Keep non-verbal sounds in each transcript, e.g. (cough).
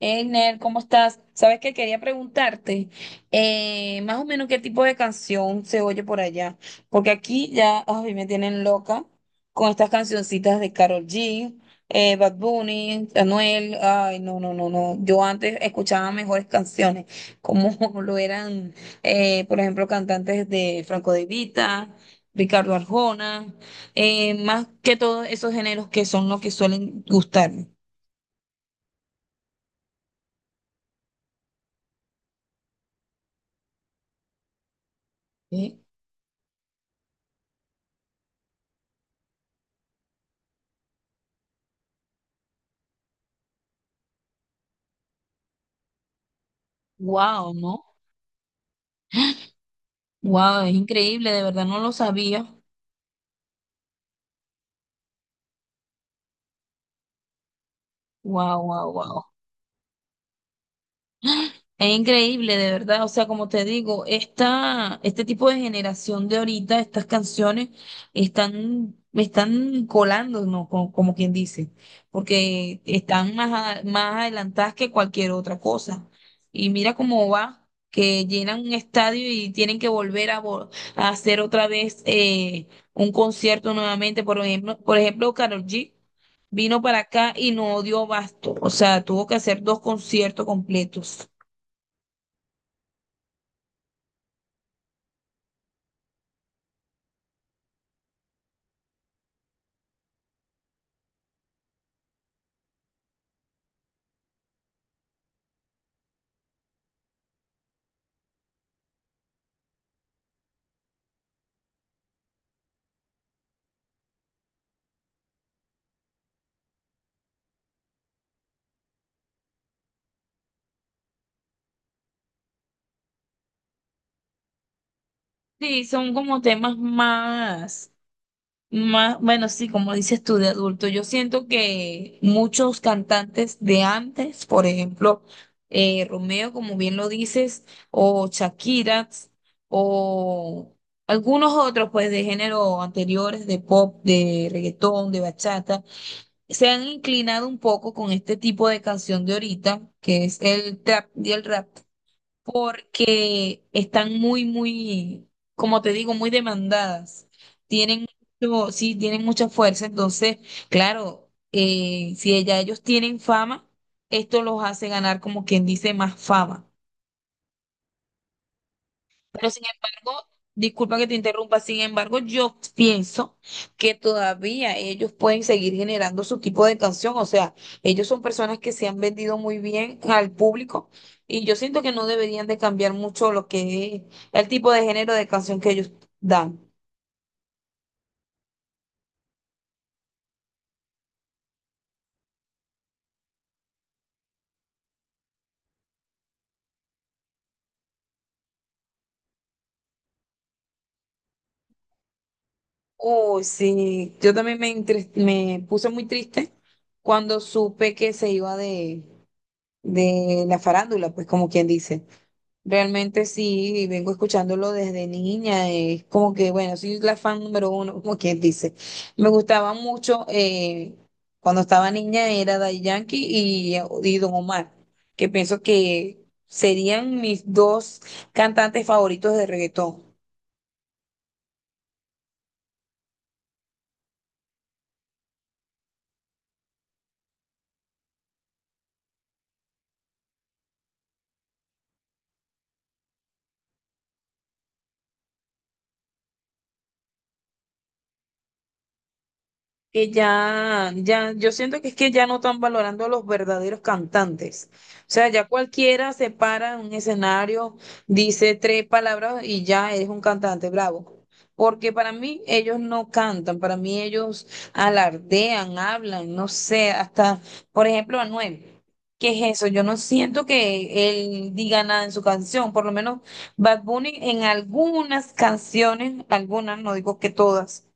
Einer, ¿cómo estás? Sabes que quería preguntarte más o menos qué tipo de canción se oye por allá, porque aquí ya ay, me tienen loca con estas cancioncitas de Karol G, Bad Bunny, Anuel. Ay, no, no, no, no. Yo antes escuchaba mejores canciones, como (laughs) lo eran, por ejemplo, cantantes de Franco De Vita, Ricardo Arjona, más que todos esos géneros que son los que suelen gustarme. Wow, ¿no? Wow, es increíble, de verdad no lo sabía. Wow, wow, wow. Es increíble, de verdad. O sea, como te digo, este tipo de generación de ahorita, estas canciones están colándonos, como quien dice, porque están más, más adelantadas que cualquier otra cosa. Y mira cómo va, que llenan un estadio y tienen que a hacer otra vez un concierto nuevamente. Por ejemplo, Karol G vino para acá y no dio basto. O sea, tuvo que hacer dos conciertos completos. Sí, son como temas más, más, bueno, sí, como dices tú, de adulto. Yo siento que muchos cantantes de antes, por ejemplo, Romeo, como bien lo dices, o Shakira, o algunos otros, pues, de género anteriores, de pop, de reggaetón, de bachata, se han inclinado un poco con este tipo de canción de ahorita, que es el trap y el rap porque están muy, como te digo, muy demandadas. Tienen mucho, sí, tienen mucha fuerza. Entonces, claro, si ya ellos tienen fama, esto los hace ganar, como quien dice, más fama. Pero sin embargo, disculpa que te interrumpa, sin embargo, yo pienso que todavía ellos pueden seguir generando su tipo de canción. O sea, ellos son personas que se han vendido muy bien al público y yo siento que no deberían de cambiar mucho lo que es el tipo de género de canción que ellos dan. Uy, sí, yo también me, entres- me puse muy triste cuando supe que se iba de la farándula, pues como quien dice. Realmente sí, y vengo escuchándolo desde niña, es como que, bueno, soy la fan número uno, (laughs) como quien dice. Me gustaba mucho, cuando estaba niña era Daddy Yankee y Don Omar, que pienso que serían mis dos cantantes favoritos de reggaetón. Ya, yo siento que es que ya no están valorando a los verdaderos cantantes. O sea, ya cualquiera se para en un escenario, dice tres palabras y ya es un cantante bravo. Porque para mí ellos no cantan, para mí ellos alardean, hablan, no sé, hasta, por ejemplo, Anuel. ¿Qué es eso? Yo no siento que él diga nada en su canción, por lo menos Bad Bunny en algunas canciones, algunas, no digo que todas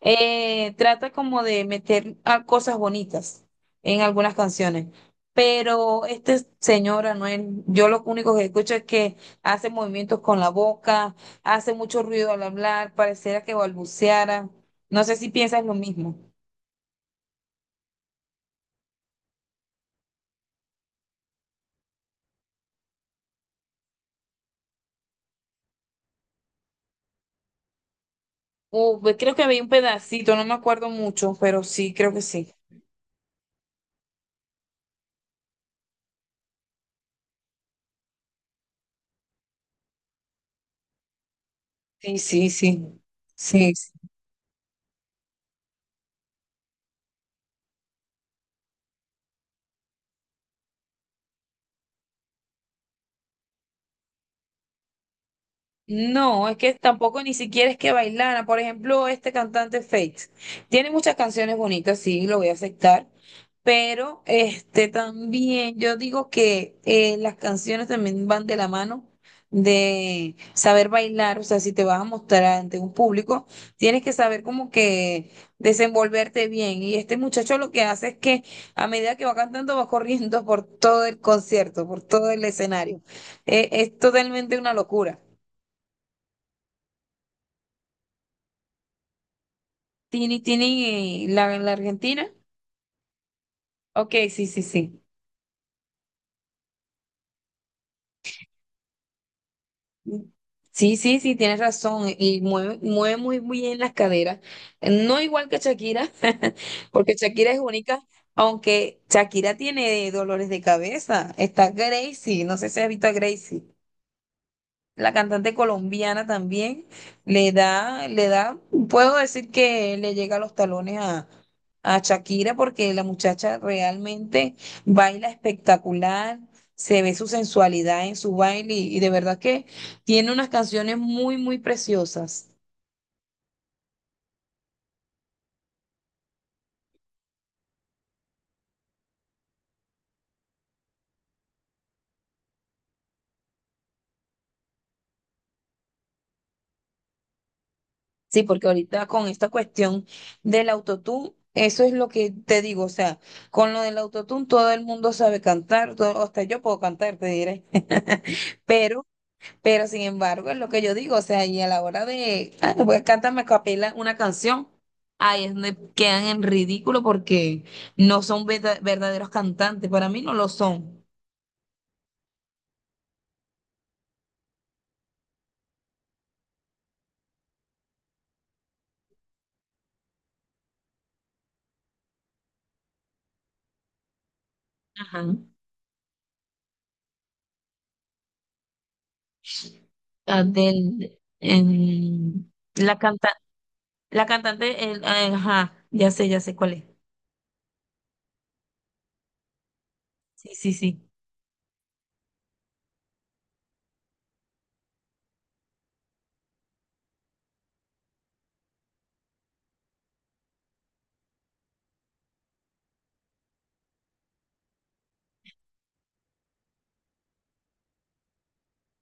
trata como de meter a cosas bonitas en algunas canciones. Pero este señor Anuel, yo lo único que escucho es que hace movimientos con la boca, hace mucho ruido al hablar, pareciera que balbuceara. No sé si piensas lo mismo. Pues creo que había un pedacito, no me acuerdo mucho, pero sí, creo que sí. Sí, sí, sí. Sí, sí. No, es que tampoco ni siquiera es que bailara. Por ejemplo, este cantante Fakes tiene muchas canciones bonitas, sí, lo voy a aceptar. Pero este también yo digo que las canciones también van de la mano de saber bailar, o sea, si te vas a mostrar ante un público, tienes que saber como que desenvolverte bien. Y este muchacho lo que hace es que a medida que va cantando va corriendo por todo el concierto, por todo el escenario. Es totalmente una locura. Tini, la Argentina. Ok, sí, sí, sí. Sí, sí, sí, tienes razón. Y mueve muy bien las caderas. No igual que Shakira, (laughs) porque Shakira es única, aunque Shakira tiene dolores de cabeza. Está Gracie, no sé si has visto a Gracie, la cantante colombiana también, le da, puedo decir que le llega a los talones a Shakira porque la muchacha realmente baila espectacular, se ve su sensualidad en su baile y de verdad que tiene unas canciones muy, muy preciosas. Sí, porque ahorita con esta cuestión del autotune, eso es lo que te digo, o sea, con lo del autotune todo el mundo sabe cantar, todo- hasta yo puedo cantar, te diré. (laughs) Pero Pero sin embargo, es lo que yo digo, o sea, y a la hora de, ah, voy a cantarme a capela una canción, ahí es donde quedan en ridículo porque no son verdaderos cantantes, para mí no lo son. Ajá. Ah, la canta, la cantante, ah, ajá, ya sé cuál es. Sí, sí, sí.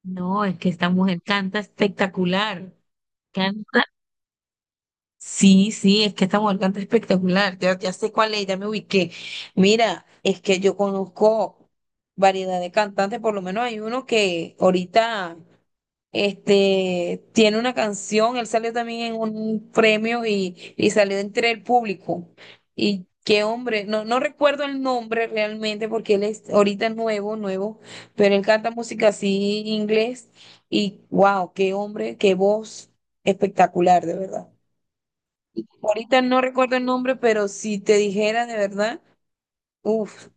No, es que esta mujer canta espectacular. Canta sí, sí, es que esta mujer canta espectacular, ya, ya sé cuál es, ya me ubiqué. Mira, es que yo conozco variedad de cantantes, por lo menos hay uno que ahorita este, tiene una canción, él salió también en un premio y salió entre el público. Y qué hombre, no, no recuerdo el nombre realmente porque él es ahorita nuevo, nuevo, pero él canta música así inglés y wow, qué hombre, qué voz espectacular, de verdad. Ahorita no recuerdo el nombre, pero si te dijera de verdad, uff,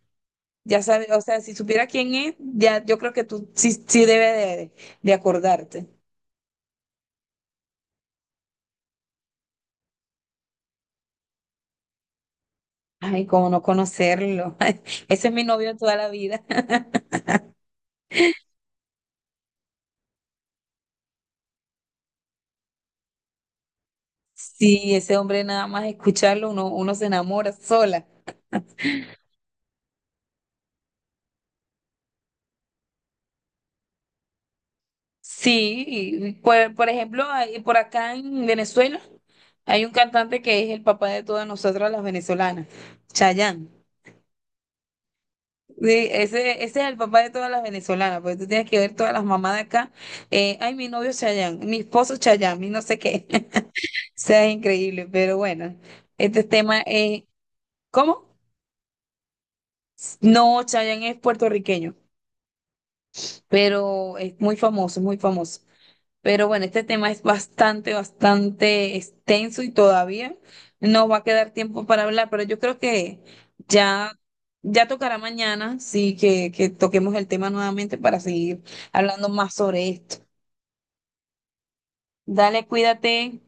ya sabes, o sea, si supiera quién es, ya yo creo que tú sí, sí debes de, de acordarte. Ay, cómo no conocerlo. (laughs) Ese es mi novio toda la vida. (laughs) Sí, ese hombre nada más escucharlo, uno se enamora sola. Sí, y por ejemplo, ahí- por acá en Venezuela hay un cantante que es el papá de todas nosotras las venezolanas, Chayanne. Sí, ese es el papá de todas las venezolanas, porque tú tienes que ver todas las mamás de acá. Ay, mi novio Chayán, mi esposo Chayán, mi no sé qué. (laughs) O sea, es increíble, pero bueno, este tema es... ¿Cómo? No, Chayán es puertorriqueño, pero es muy famoso, muy famoso. Pero bueno, este tema es bastante, bastante extenso y todavía no va a quedar tiempo para hablar, pero yo creo que ya, ya tocará mañana, sí, que toquemos el tema nuevamente para seguir hablando más sobre esto. Dale, cuídate.